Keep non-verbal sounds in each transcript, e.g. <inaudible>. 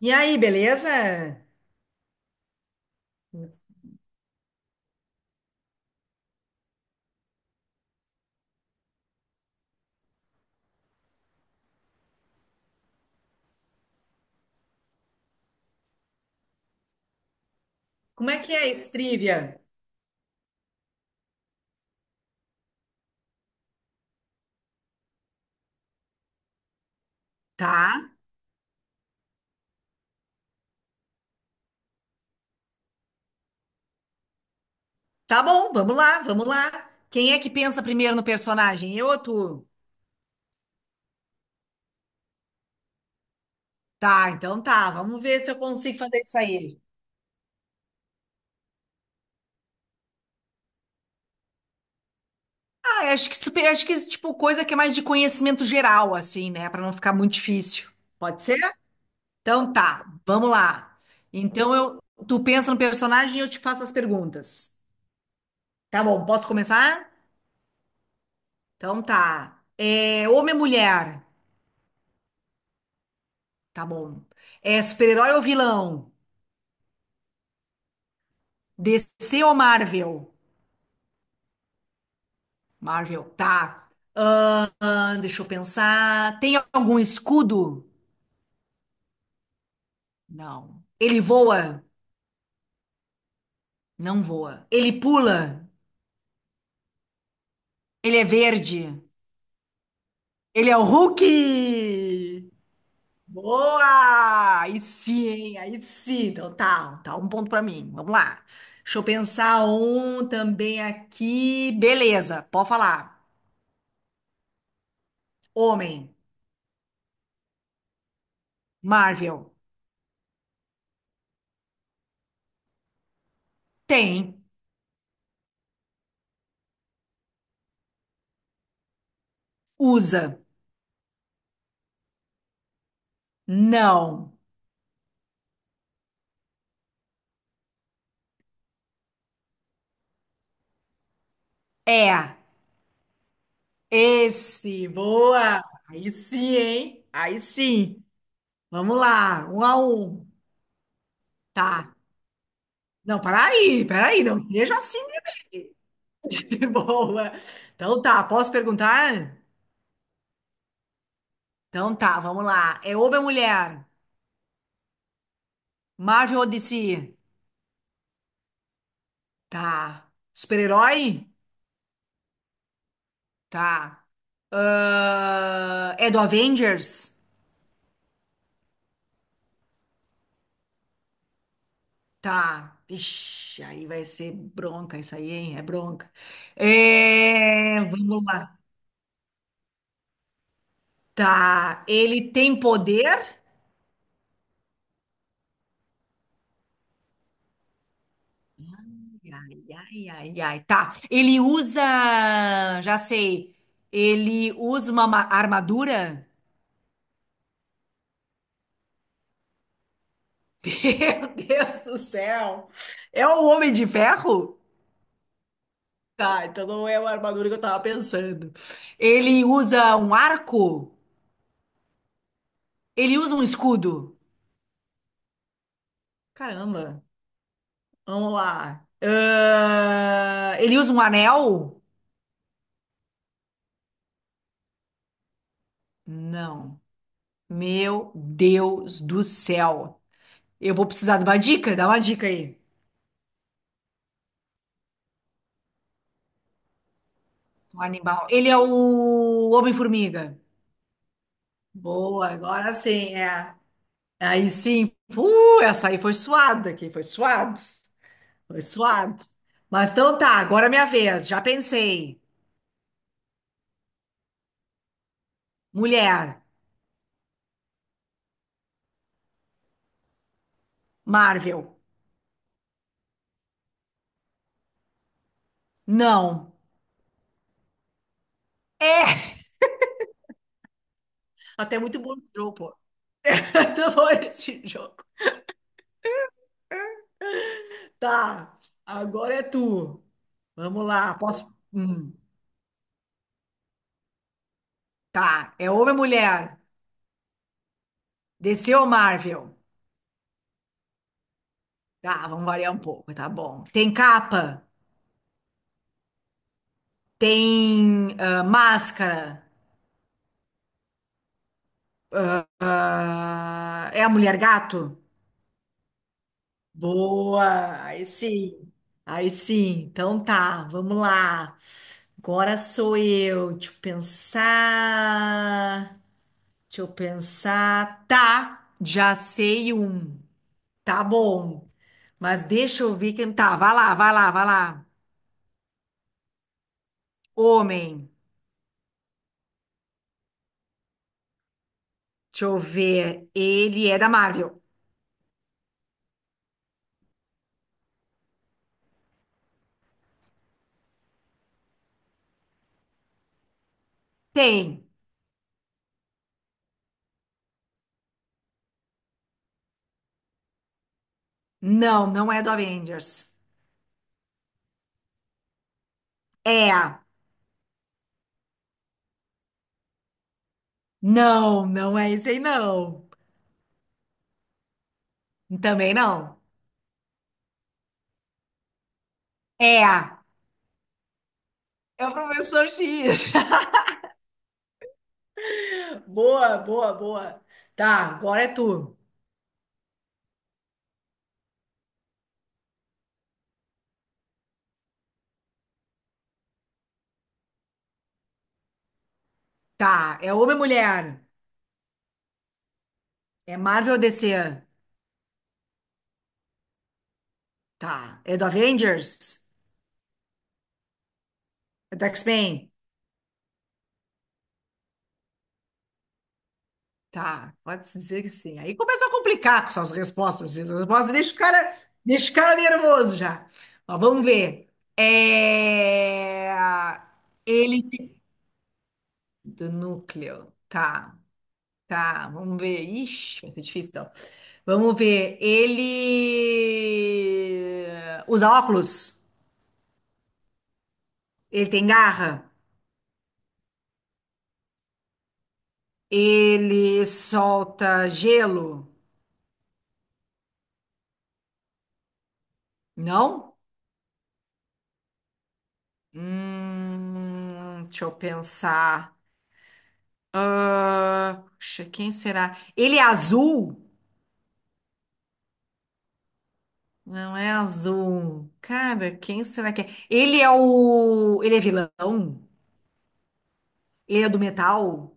E aí, beleza? Como é que é esse trivia? Tá, tá bom, vamos lá, vamos lá. Quem é que pensa primeiro no personagem? Eu ou tu? Tá, então tá, vamos ver se eu consigo fazer isso aí. Ah, eu acho que, acho que, tipo, coisa que é mais de conhecimento geral, assim, né? Pra não ficar muito difícil. Pode ser? Então tá, vamos lá. Então eu, tu pensa no personagem e eu te faço as perguntas. Tá bom, posso começar? Então tá. É, homem ou mulher? Tá bom. É super-herói ou vilão? DC ou Marvel? Marvel, tá. Deixa eu pensar. Tem algum escudo? Não. Ele voa? Não voa. Ele pula? Ele é verde? Ele é o Hulk? Boa! Aí sim, hein? Aí sim. Então tá, tá um ponto pra mim. Vamos lá. Deixa eu pensar um também aqui. Beleza, pode falar. Homem, Marvel. Tem. Usa. Não. É. Esse. Boa. Aí sim, hein? Aí sim. Vamos lá. Um a um. Tá. Não, peraí, peraí. Não seja assim. Bebê. <laughs> Boa. Então tá. Posso perguntar? Então tá. Vamos lá. É homem ou mulher? Marvel ou DC? Tá. Super-herói? Tá. Ah, é do Avengers? Tá. Ixi, aí vai ser bronca isso aí, hein? É bronca. É, vamos lá. Tá. Ele tem poder? Ai, ai, ai, ai. Tá. Ele usa. Já sei. Ele usa uma armadura? <laughs> Meu Deus do céu! É o Homem de Ferro? Tá, então não é uma armadura que eu tava pensando. Ele usa um arco? Ele usa um escudo? Caramba! Vamos lá. Ah, ele usa um anel? Não. Meu Deus do céu. Eu vou precisar de uma dica? Dá uma dica aí. Um animal. Ele é o Homem-Formiga. Boa, agora sim, é. Aí sim. Essa aí foi suada aqui, foi suado. Foi suado. Mas então tá, agora é minha vez. Já pensei. Mulher, Marvel. Não. É! Até muito bom jogo, pô. <laughs> Muito bom esse jogo. Tá, agora é tu. Vamos lá, posso. Tá, é homem ou mulher? DC ou Marvel? Tá, vamos variar um pouco, tá bom. Tem capa? Tem máscara? Ah, é a mulher gato? Boa, aí sim, aí sim. Então tá, vamos lá. Agora sou eu. Deixa eu pensar. Deixa eu pensar. Tá, já sei um. Tá bom. Mas deixa eu ver quem tá. Vai lá, vai lá, vai lá. Homem. Deixa eu ver. Ele é da Marvel. Tem. Não, não é do Avengers. É. Não, não é esse aí, não. Também não. É. É o Professor X. <laughs> Boa, boa, boa. Tá, agora é tu. Tá, é homem ou mulher? É Marvel ou DC? Tá. É do Avengers? É do X-Men? Tá, pode-se dizer que sim. Aí começa a complicar com essas respostas. Essas respostas deixa o cara nervoso já. Ó, vamos ver. É... Ele tem- do núcleo. Tá, tá. Vamos ver. Ixi, vai ser difícil então. Vamos ver. Ele usa óculos? Ele tem garra? Ele solta gelo? Não? Deixa eu pensar. Ah, puxa, quem será? Ele é azul? Não é azul. Cara, quem será que é? Ele é o. Ele é vilão? Ele é do metal?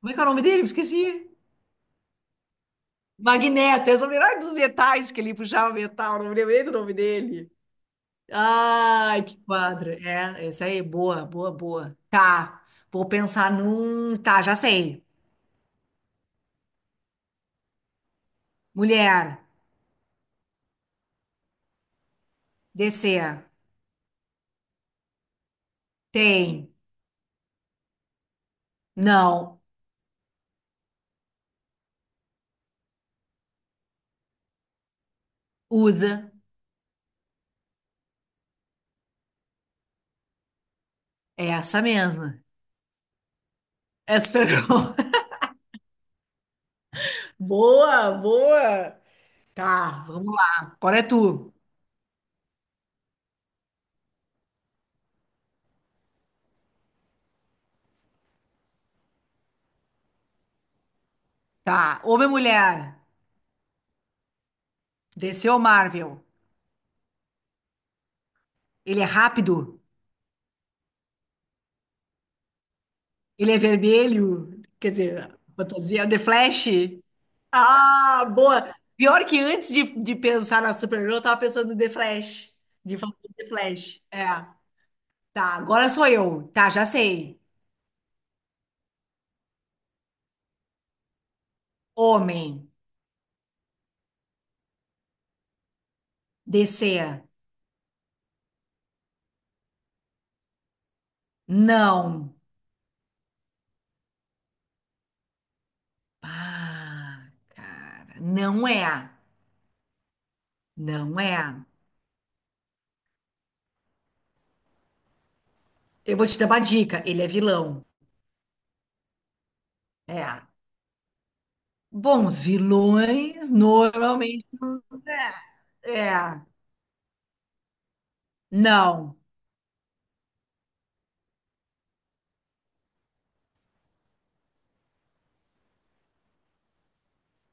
Como é que é o nome dele? Me esqueci. Magneto, essa é o melhor dos metais que ele puxava metal, não me lembrei do nome dele. Ai, que quadro. É, essa aí, boa, boa, boa. Tá, vou pensar num. Tá, já sei. Mulher, descer. Tem. Não. Usa. Essa mesma. Essa pegou. <laughs> Boa, boa. Tá, vamos lá. Agora é tu. Tá. Homem-Mulher. DC ou Marvel? Ele é rápido? Ele é vermelho? Quer dizer, fantasia. The Flash? Ah, boa. Pior que antes de pensar na Supergirl, eu tava pensando no The Flash. De fazer The Flash. É. Tá, agora sou eu. Tá, já sei. Homem. DC. Não. Ah, cara. Não é. Não é. Eu vou te dar uma dica. Ele é vilão. É. Bom, os vilões normalmente. É. É. Não.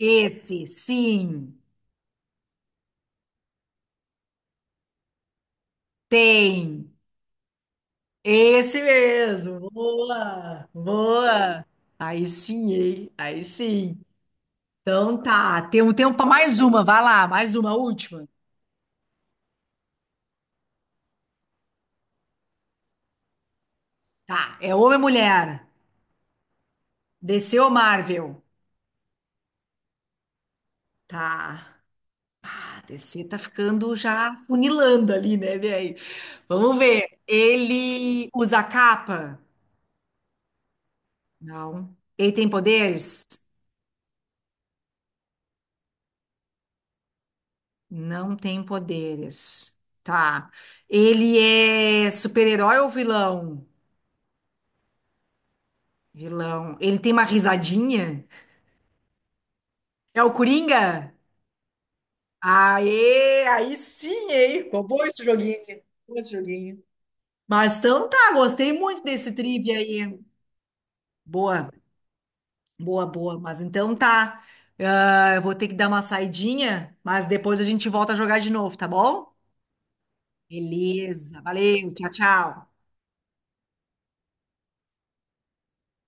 Esse, sim. Tem. Esse mesmo. Boa. Boa. Aí sim, hein? Aí sim. Então tá. Tem um tempo para mais uma. Vai lá, mais uma, última. Tá. É homem ou mulher? Desceu Marvel? Tá. A DC tá ficando já funilando ali, né, velho? Vamos ver. Ele usa capa? Não. Ele tem poderes? Não tem poderes. Tá. Ele é super-herói ou vilão? Vilão. Ele tem uma risadinha? É o Coringa? Aê, aí sim, hein? Ficou bom esse joguinho. Ficou bom esse joguinho. Mas então tá, gostei muito desse trivia aí. Boa. Boa, boa. Mas então tá. Ah, eu vou ter que dar uma saidinha, mas depois a gente volta a jogar de novo, tá bom? Beleza. Valeu. Tchau, tchau.